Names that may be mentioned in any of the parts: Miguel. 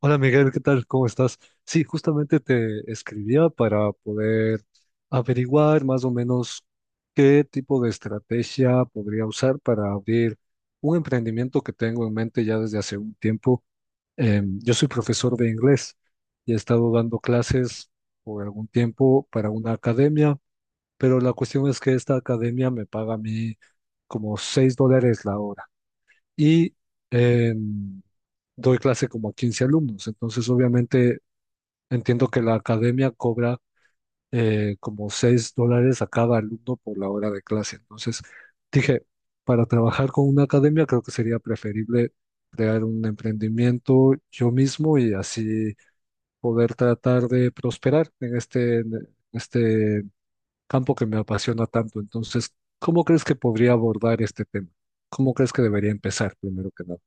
Hola Miguel, ¿qué tal? ¿Cómo estás? Sí, justamente te escribía para poder averiguar más o menos qué tipo de estrategia podría usar para abrir un emprendimiento que tengo en mente ya desde hace un tiempo. Yo soy profesor de inglés y he estado dando clases por algún tiempo para una academia, pero la cuestión es que esta academia me paga a mí como $6 la hora y eh, doy clase como a 15 alumnos. Entonces, obviamente, entiendo que la academia cobra como $6 a cada alumno por la hora de clase. Entonces, dije, para trabajar con una academia creo que sería preferible crear un emprendimiento yo mismo y así poder tratar de prosperar en este campo que me apasiona tanto. Entonces, ¿cómo crees que podría abordar este tema? ¿Cómo crees que debería empezar primero que nada?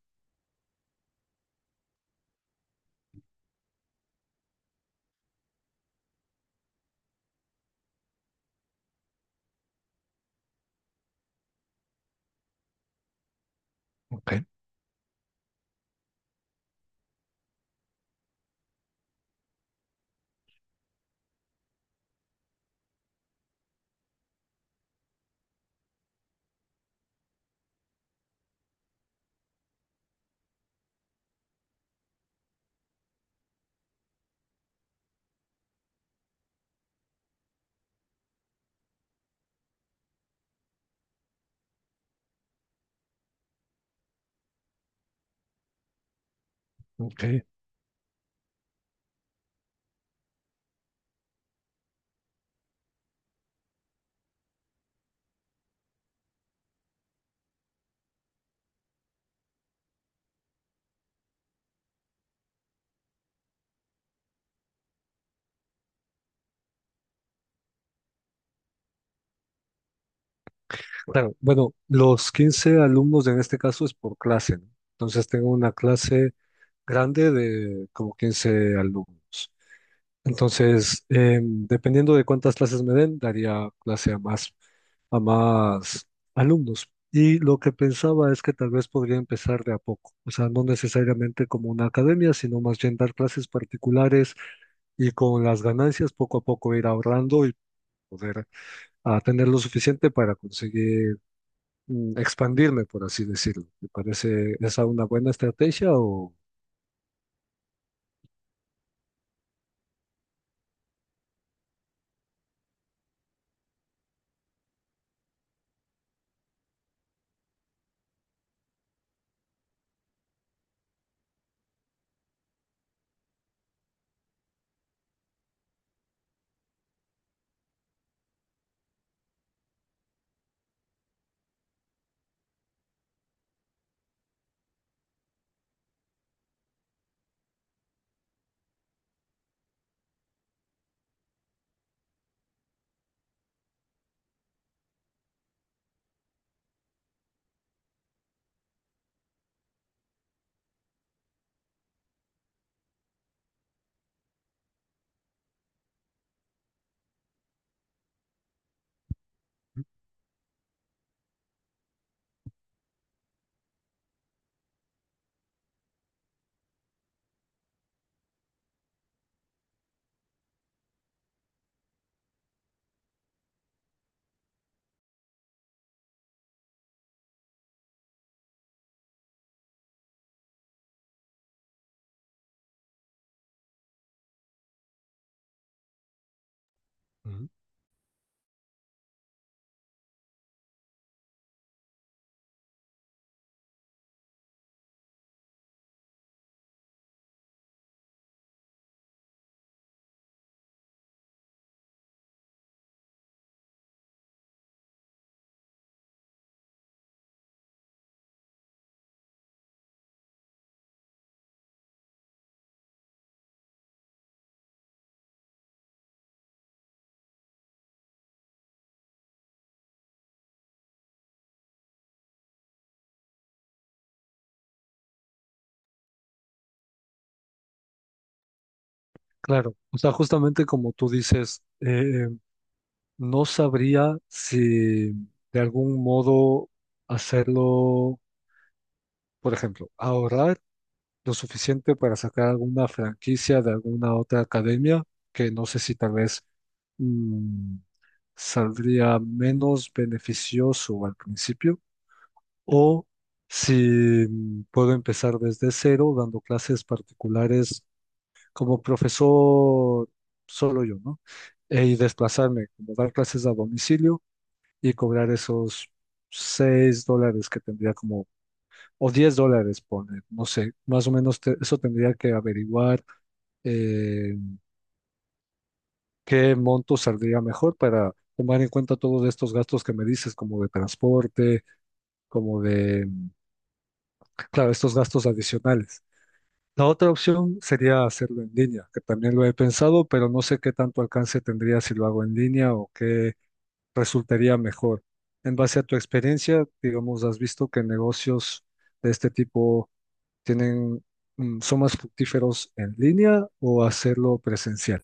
Ok. Ok, claro. Bueno, los 15 alumnos en este caso es por clase, ¿no? Entonces tengo una clase grande de como 15 alumnos. Entonces, dependiendo de cuántas clases me den, daría clase a a más alumnos. Y lo que pensaba es que tal vez podría empezar de a poco, o sea, no necesariamente como una academia, sino más bien dar clases particulares y con las ganancias poco a poco ir ahorrando y poder a tener lo suficiente para conseguir expandirme, por así decirlo. ¿Te parece esa una buena estrategia o...? Ujú. Claro, o sea, justamente como tú dices, no sabría si de algún modo hacerlo, por ejemplo, ahorrar lo suficiente para sacar alguna franquicia de alguna otra academia, que no sé si tal vez mm, saldría menos beneficioso al principio o si puedo empezar desde cero dando clases particulares como profesor solo yo, ¿no? Y desplazarme, como dar clases a domicilio y cobrar esos $6 que tendría como, o $10, poner, no sé, más o menos eso tendría que averiguar eh, qué monto saldría mejor para tomar en cuenta todos estos gastos que me dices, como de transporte, como de, claro, estos gastos adicionales. La otra opción sería hacerlo en línea, que también lo he pensado, pero no sé qué tanto alcance tendría si lo hago en línea o qué resultaría mejor. En base a tu experiencia, digamos, has visto que negocios de este tipo tienen, son más fructíferos en línea o hacerlo presencial.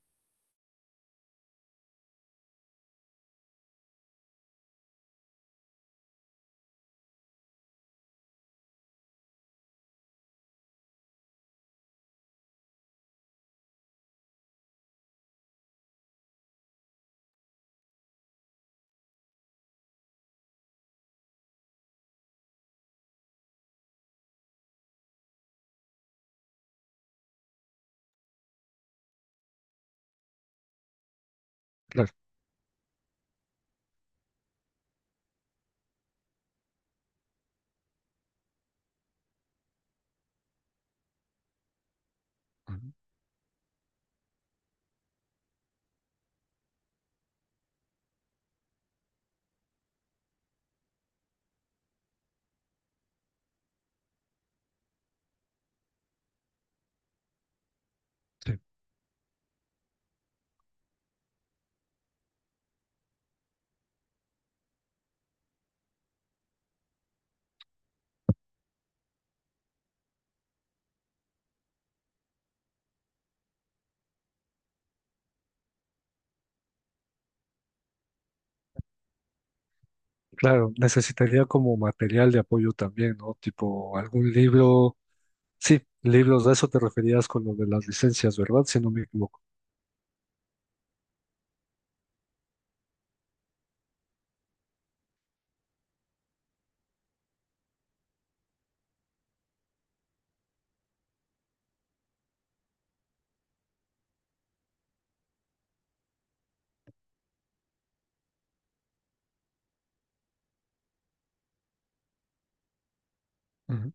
Claro. Ujú, sí. Claro, necesitaría como material de apoyo también, ¿no? Tipo algún libro. Sí, libros, de eso te referías con lo de las licencias, ¿verdad? Si no me equivoco. Ujú,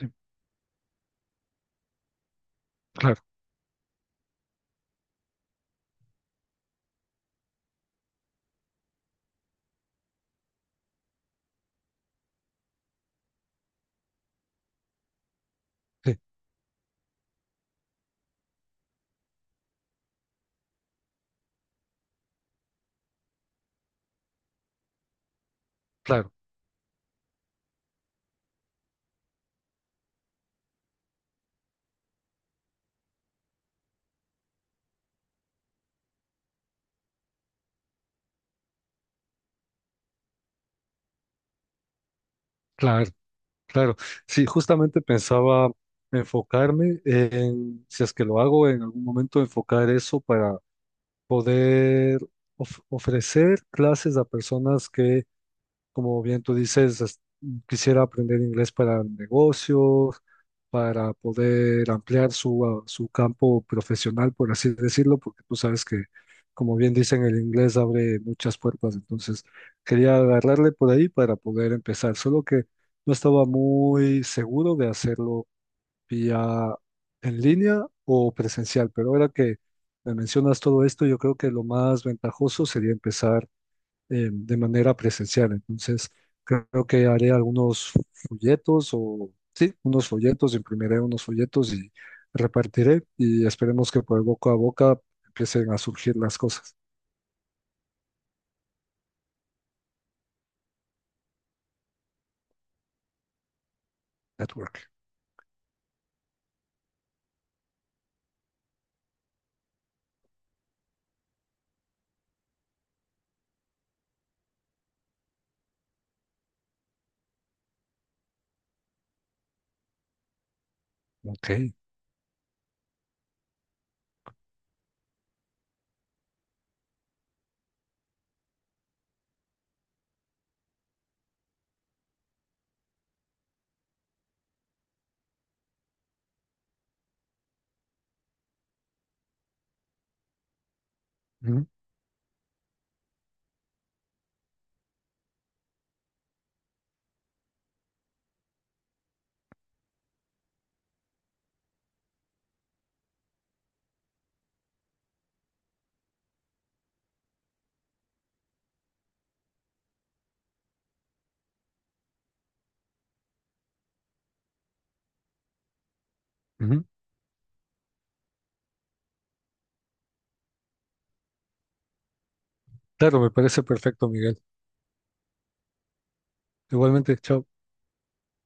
sí. Claro, sí, claro. Claro, claro. Sí, justamente pensaba enfocarme en, si es que lo hago en algún momento, enfocar eso para poder ofrecer clases a personas que como bien tú dices, quisiera aprender inglés para negocios, para poder ampliar su, su campo profesional, por así decirlo, porque tú sabes que, como bien dicen, el inglés abre muchas puertas. Entonces, quería agarrarle por ahí para poder empezar, solo que no estaba muy seguro de hacerlo vía en línea o presencial, pero ahora que me mencionas todo esto, yo creo que lo más ventajoso sería empezar de manera presencial. Entonces, creo que haré algunos folletos o, sí, unos folletos, imprimiré unos folletos y repartiré y esperemos que por boca a boca empiecen a surgir las cosas. Network. Ok. Ujú, ujú. Claro, me parece perfecto, Miguel. Igualmente, chao.